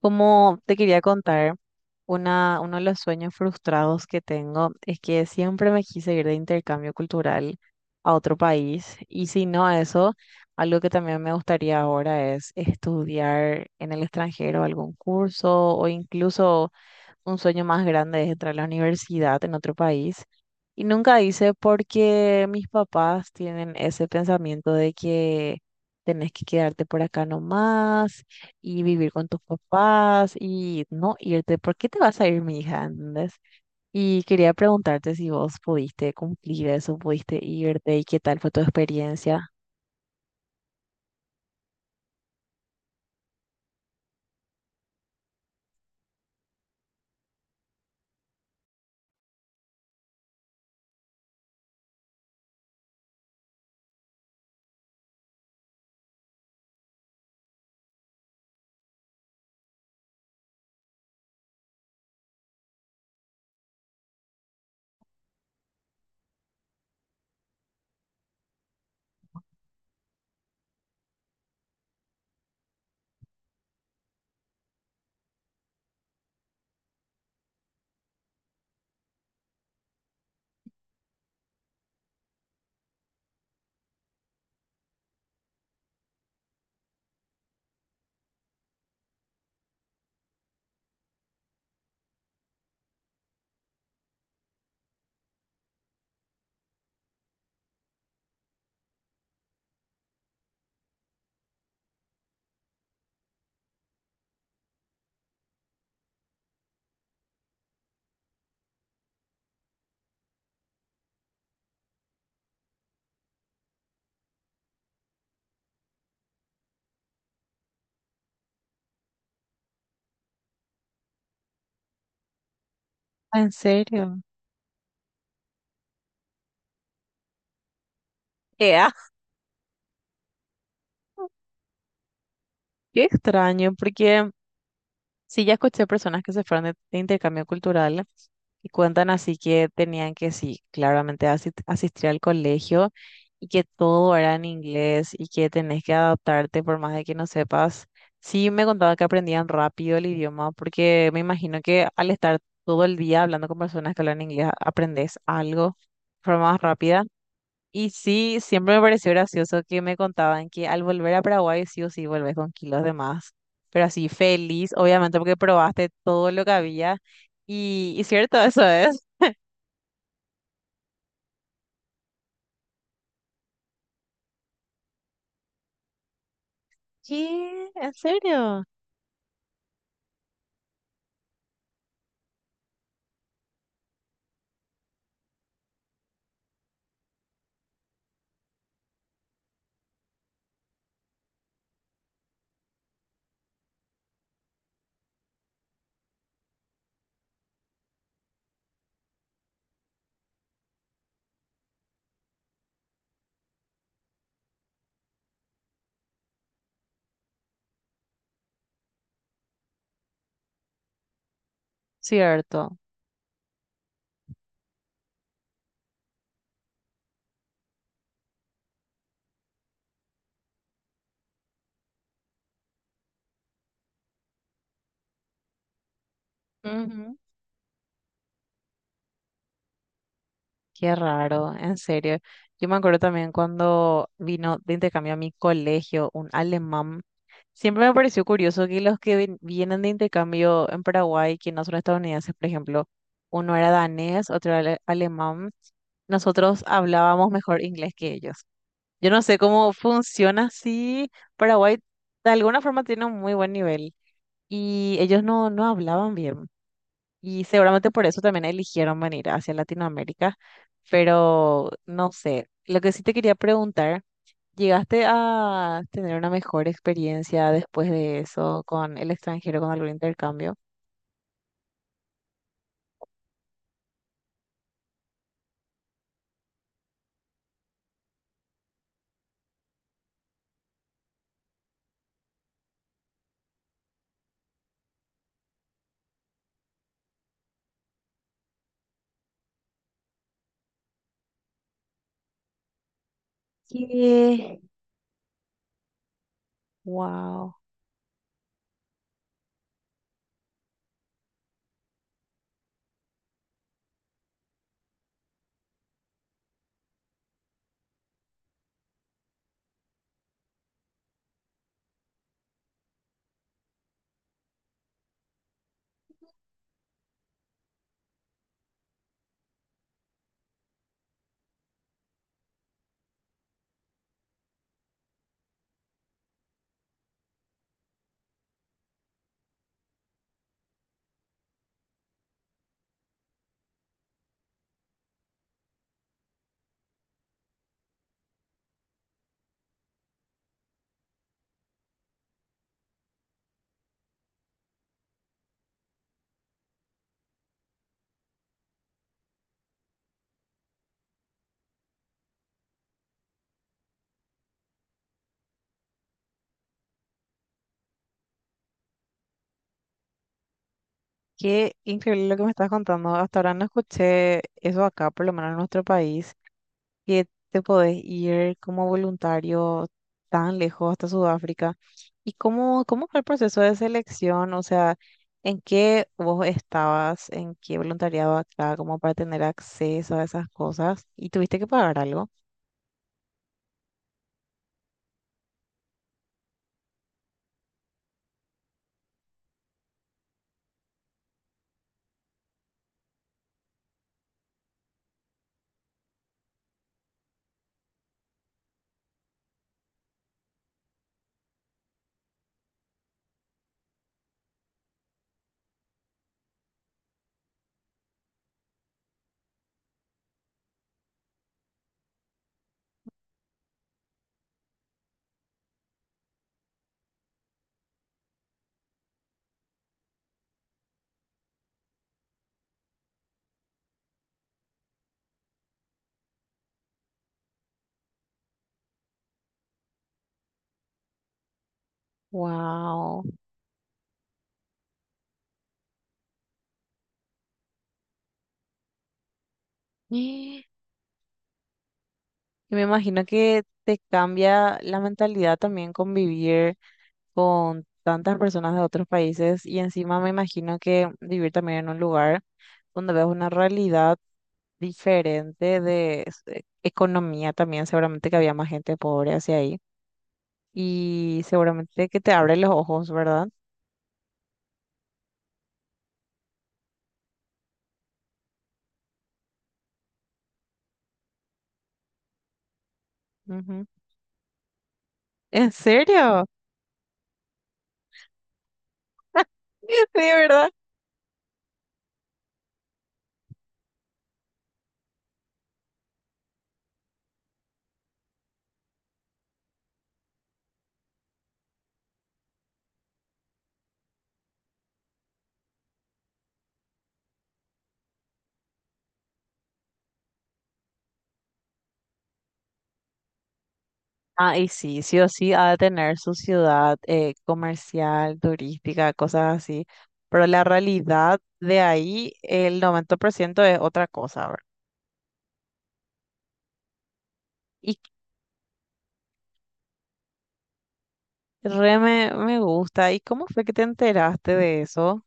Como te quería contar, una, uno de los sueños frustrados que tengo es que siempre me quise ir de intercambio cultural a otro país y si no a eso, algo que también me gustaría ahora es estudiar en el extranjero algún curso o incluso un sueño más grande es entrar a la universidad en otro país. Y nunca hice porque mis papás tienen ese pensamiento de que tenés que quedarte por acá nomás y vivir con tus papás y no irte. ¿Por qué te vas a ir, mi hija? ¿Entendés? Y quería preguntarte si vos pudiste cumplir eso, pudiste irte y qué tal fue tu experiencia. ¿En serio? Ea, qué extraño, porque sí, ya escuché personas que se fueron de intercambio cultural y cuentan así que tenían que, sí, claramente asistir al colegio y que todo era en inglés y que tenés que adaptarte por más de que no sepas. Sí, me contaba que aprendían rápido el idioma porque me imagino que al estar todo el día hablando con personas que hablan inglés, aprendes algo de forma más rápida. Y sí, siempre me pareció gracioso que me contaban que al volver a Paraguay sí o sí volvés con kilos de más, pero así feliz, obviamente porque probaste todo lo que había y cierto, eso es. ¿Qué? ¿En serio? Cierto. Ujú. Qué raro, en serio. Yo me acuerdo también cuando vino de intercambio a mi colegio un alemán. Siempre me pareció curioso que los que vienen de intercambio en Paraguay, que no son estadounidenses, por ejemplo, uno era danés, otro era alemán, nosotros hablábamos mejor inglés que ellos. Yo no sé cómo funciona así. Paraguay de alguna forma tiene un muy buen nivel y ellos no hablaban bien. Y seguramente por eso también eligieron venir hacia Latinoamérica, pero no sé, lo que sí te quería preguntar, ¿llegaste a tener una mejor experiencia después de eso con el extranjero, con algún intercambio? Sí. Wow, qué increíble lo que me estás contando. Hasta ahora no escuché eso acá, por lo menos en nuestro país, que te podés ir como voluntario tan lejos hasta Sudáfrica. ¿Y cómo, cómo fue el proceso de selección? O sea, ¿en qué vos estabas? ¿En qué voluntariado acá? Como para tener acceso a esas cosas. ¿Y tuviste que pagar algo? Wow. Y me imagino que te cambia la mentalidad también convivir con tantas personas de otros países y encima me imagino que vivir también en un lugar donde ves una realidad diferente de economía también, seguramente que había más gente pobre hacia ahí y seguramente que te abre los ojos, ¿verdad? Ujú. ¿En serio? De verdad. Ah, y sí, sí o sí ha de tener su ciudad comercial, turística, cosas así, pero la realidad de ahí, el 90% es otra cosa, ¿verdad? Y Re me gusta. ¿Y cómo fue que te enteraste de eso?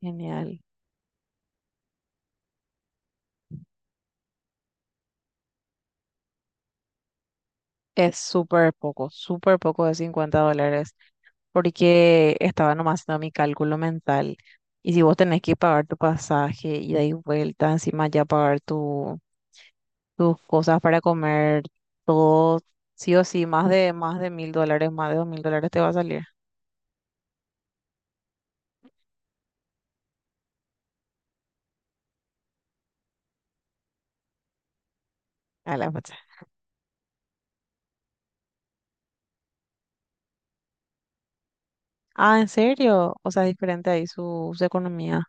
Genial. Es súper poco de $50, porque estaba nomás haciendo mi cálculo mental. Y si vos tenés que pagar tu pasaje ida y vuelta, encima ya pagar tu, tus cosas para comer, todo, sí o sí, más de mil dólares, más de $2.000 te va a salir a la fecha. Ah, ¿en serio? O sea, es diferente ahí su, su economía.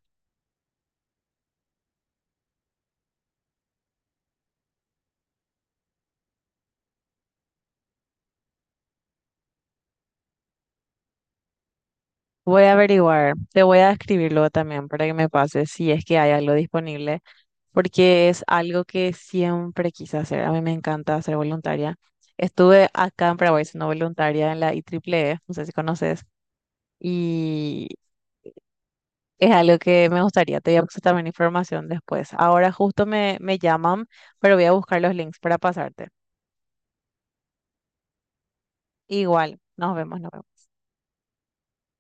Voy a averiguar, te voy a escribir luego también para que me pases si es que hay algo disponible, porque es algo que siempre quise hacer. A mí me encanta ser voluntaria. Estuve acá en Paraguay siendo voluntaria en la IEEE, no sé si conoces, y es algo que me gustaría. Te voy a pasar también información después. Ahora justo me llaman, pero voy a buscar los links para pasarte. Igual, nos vemos, nos vemos.